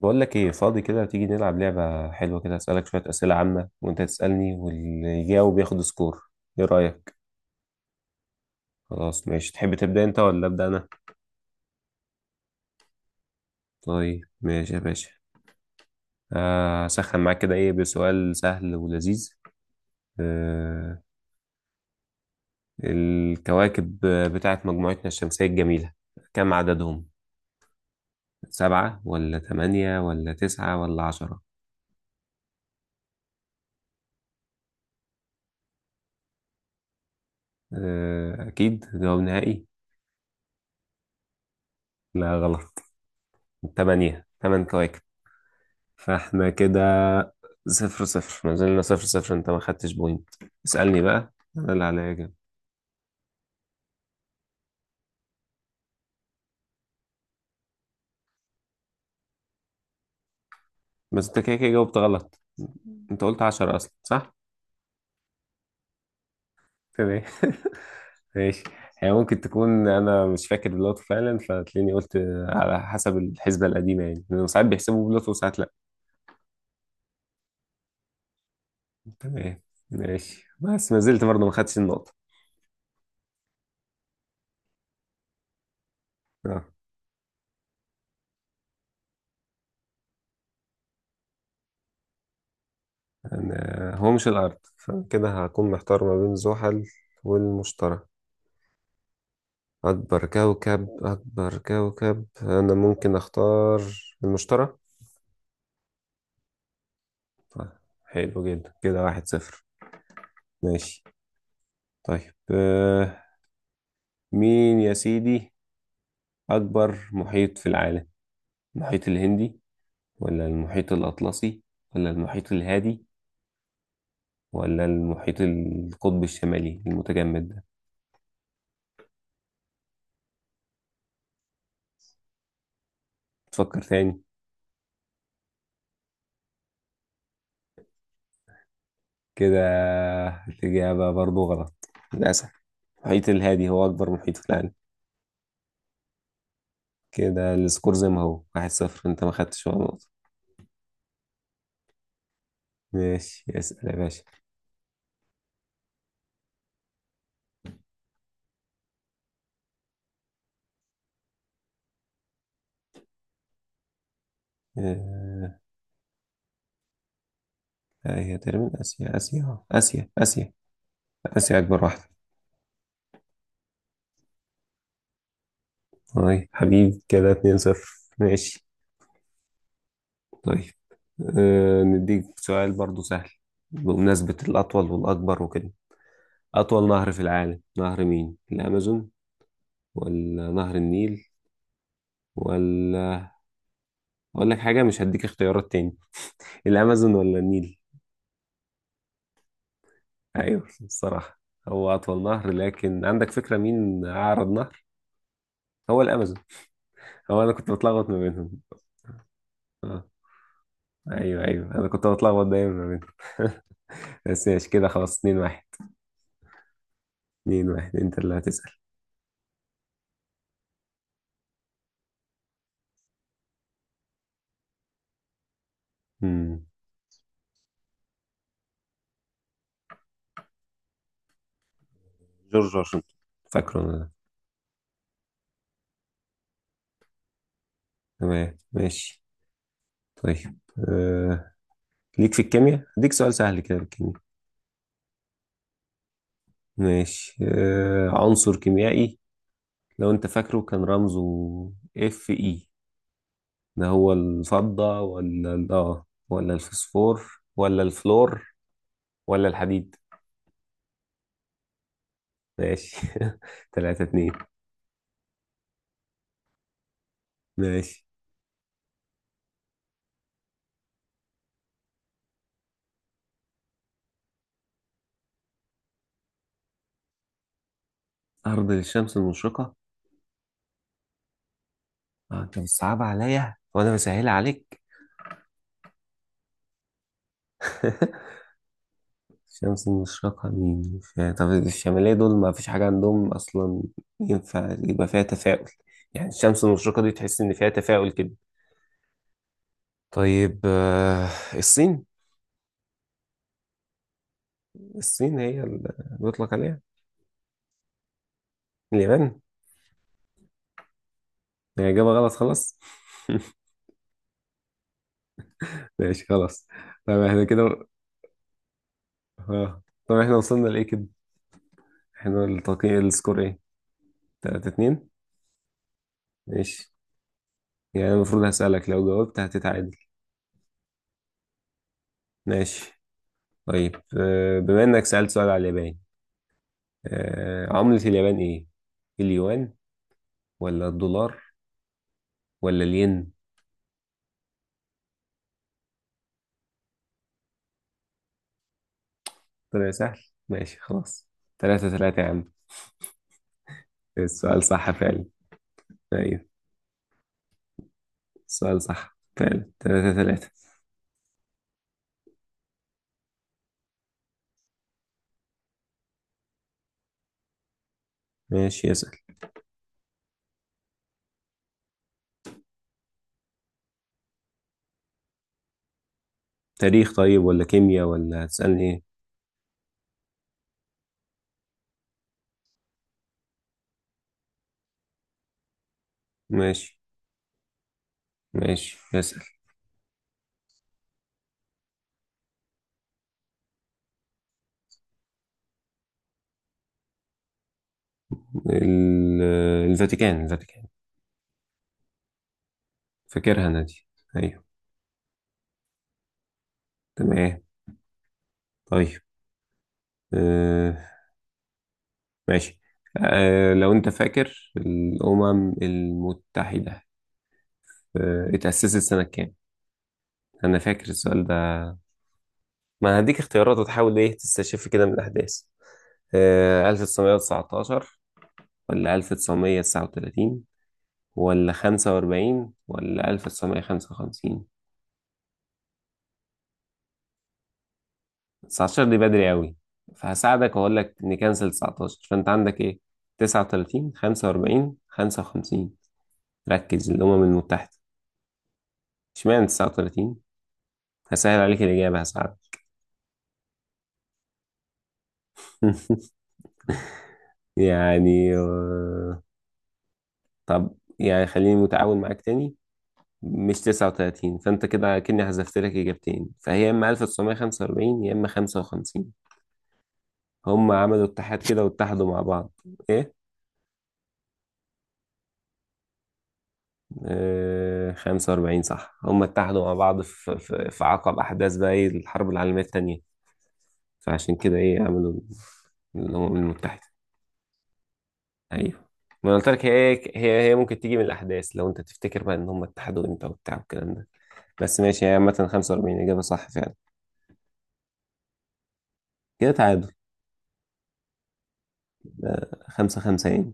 بقول لك ايه فاضي كده تيجي نلعب لعبة حلوة كده، اسألك شوية أسئلة عامة وانت تسألني واللي يجاوب ياخد سكور. ايه رأيك؟ خلاص ماشي، تحب تبدأ انت ولا أبدأ انا؟ طيب ماشي يا باشا. اسخن معاك كده ايه بسؤال سهل ولذيذ. آه الكواكب بتاعت مجموعتنا الشمسية الجميلة، كم عددهم؟ سبعة ولا تمانية ولا تسعة ولا عشرة؟ آه أكيد، جواب نهائي؟ لا غلط. تمانية كواكب. فاحنا كده صفر صفر، ما زلنا صفر صفر، انت ما خدتش بوينت. اسألني بقى، انا اللي عليا اجاوب. بس انت كده كده جاوبت غلط. انت قلت عشرة اصلا، صح؟ تمام. ماشي. هي ممكن تكون انا مش فاكر بلوتو فعلا فتلاقيني قلت على حسب الحسبة القديمة، يعني لأنه ساعات بيحسبوا بلوتو وساعات لا. تمام ماشي، بس ما زلت برضه ما خدتش النقطة. اه هو مش الارض، فكده هكون محتار ما بين زحل والمشتري. أكبر كوكب، أكبر كوكب أنا ممكن أختار المشتري. طيب حلو جدا، كده واحد صفر. ماشي. طيب مين يا سيدي أكبر محيط في العالم؟ المحيط الهندي، ولا المحيط الأطلسي، ولا المحيط الهادي، ولا المحيط القطب الشمالي المتجمد ده؟ تفكر تاني. كده الإجابة برضو غلط للأسف. المحيط الهادي هو أكبر محيط في العالم. كده السكور زي ما هو واحد صفر، انت ما خدتش ولا نقطة. ماشي اسأل يا باشا. آه لا، هي تقريبا آسيا آسيا، آسيا آسيا، آسيا أكبر واحدة. طيب حبيب، كده 2-0. ماشي. طيب نديك سؤال برضو سهل بمناسبة الأطول والأكبر وكده. أطول نهر في العالم نهر مين؟ الأمازون ولا نهر النيل ولا، أقول لك حاجة، مش هديك اختيارات تاني. الأمازون ولا النيل؟ أيوه الصراحة، هو أطول نهر. لكن عندك فكرة مين أعرض نهر؟ هو الأمازون. هو أنا كنت بتلخبط ما بينهم. آه. ايوه ايوه انا كنت بتلخبط دايما ما بينهم. بس ماشي كده خلاص 2-1. 2-1 انت اللي هتسأل. امم. جورج واشنطن، فاكره انا ده. تمام ماشي. طيب آه. ليك في الكيمياء اديك سؤال سهل كده، في الكيمياء. ماشي. عنصر كيميائي لو انت فاكره كان رمزه اف اي، ده هو الفضة، ولا ولا الفوسفور، ولا الفلور، ولا الحديد؟ ماشي. 3-2. ماشي. أرض الشمس المشرقة، انت بتصعب عليا وانا بسهل عليك. الشمس المشرقة مين، طب الشمالية دول ما فيش حاجة عندهم أصلا. ينفع يبقى فيها تفاؤل؟ يعني الشمس المشرقة دي تحس إن فيها تفاؤل كده. طيب الصين. الصين هي اللي بيطلق عليها. اليابان. هي إجابة غلط خلاص. ماشي خلاص. طب احنا كده، اه طب احنا وصلنا لإيه كده؟ احنا التقييم السكور ايه؟ تلاتة اتنين. ماشي. يعني المفروض هسألك، لو جاوبت هتتعادل. ماشي. طيب بما انك سألت سؤال على اليابان، عملة اليابان ايه؟ اليوان، ولا الدولار، ولا الين؟ طلع سهل. ماشي خلاص. ثلاثة ثلاثة يا عم. السؤال صح فعلا. طيب السؤال صح فعلا، ثلاثة ثلاثة. ماشي اسأل. تاريخ طيب، ولا كيمياء، ولا هتسألني ايه؟ ماشي ماشي اسأل. الفاتيكان، الفاتيكان. فاكرها انا دي. ايوه تمام. طيب آه، ماشي. لو انت فاكر الامم المتحده، اتاسست سنه كام؟ انا فاكر السؤال ده. ما هديك اختيارات وتحاول ايه تستشف كده من الاحداث. 1919 ولا 1939 ولا 45 ولا 1955؟ 19 دي بدري قوي، فهساعدك واقول لك نكنسل 19. فانت عندك ايه، 39 45 55؟ ركز، الامم المتحده. اشمعنى 39؟ هسهل عليك الإجابة، هساعدك. يعني طب يعني خليني متعاون معاك تاني. مش 39، فأنت كده كأني حذفت لك إجابتين، فهي يا إما 1945 يا إما 55. هم عملوا اتحاد كده واتحدوا مع بعض. إيه؟ آه 45 صح، هم اتحدوا مع بعض في عقب أحداث بقى إيه الحرب العالمية التانية. فعشان كده إيه عملوا الأمم المتحدة. ايوه. ما أنا قلت لك، هي ممكن تيجي من الاحداث لو انت تفتكر بقى ان هم اتحدوا امتى وبتاع والكلام ده. بس ماشي، هي عامة 45 اجابة صح فعلا. كده تعادل، خمسة خمسة يعني.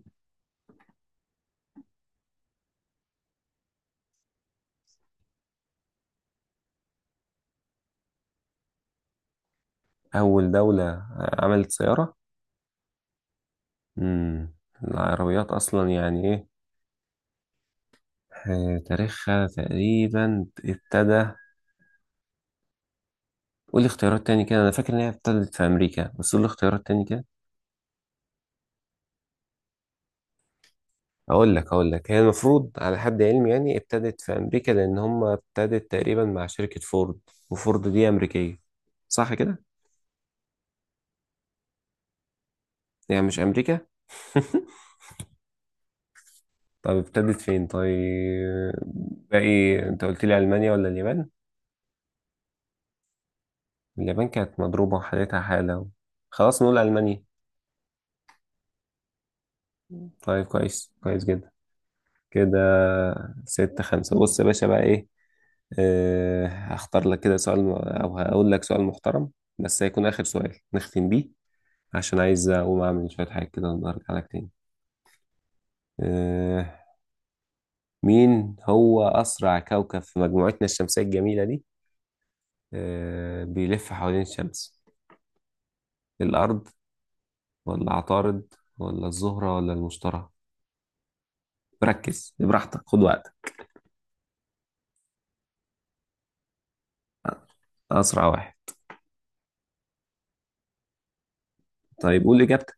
اول دولة عملت سيارة. امم. العربيات اصلا يعني ايه، تاريخها تقريبا ابتدى؟ قول لي اختيارات تاني كده، انا فاكر ان هي ابتدت في امريكا، بس قول لي اختيارات تاني كده. اقول لك هي المفروض على حد علمي يعني ابتدت في امريكا، لان هم ابتدت تقريبا مع شركة فورد، وفورد دي امريكية. صح كده؟ يعني مش امريكا. طب ابتدت فين طيب؟ باقي انت قلت لي المانيا ولا اليابان. اليابان كانت مضروبة وحالتها حالة، خلاص نقول المانيا. طيب كويس، كويس جدا. كده ستة خمسة. بص يا باشا بقى ايه، هختار لك كده سؤال. او هقول لك سؤال محترم، بس هيكون اخر سؤال نختم بيه، عشان عايز أقوم أعمل شوية حاجات كده وأرجع لك تاني. آه. مين هو أسرع كوكب في مجموعتنا الشمسية الجميلة دي، بيلف حوالين الشمس؟ الأرض، ولا عطارد، ولا الزهرة، ولا المشتري؟ ركز، براحتك خد وقتك. أسرع واحد. طيب قول إجابتك.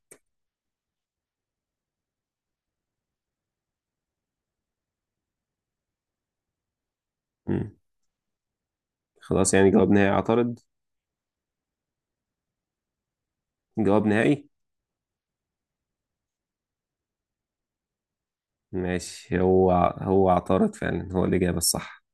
مم. خلاص يعني جواب نهائي عطارد؟ جواب نهائي. ماشي. هو عطارد فعلا، هو الإجابة الصح.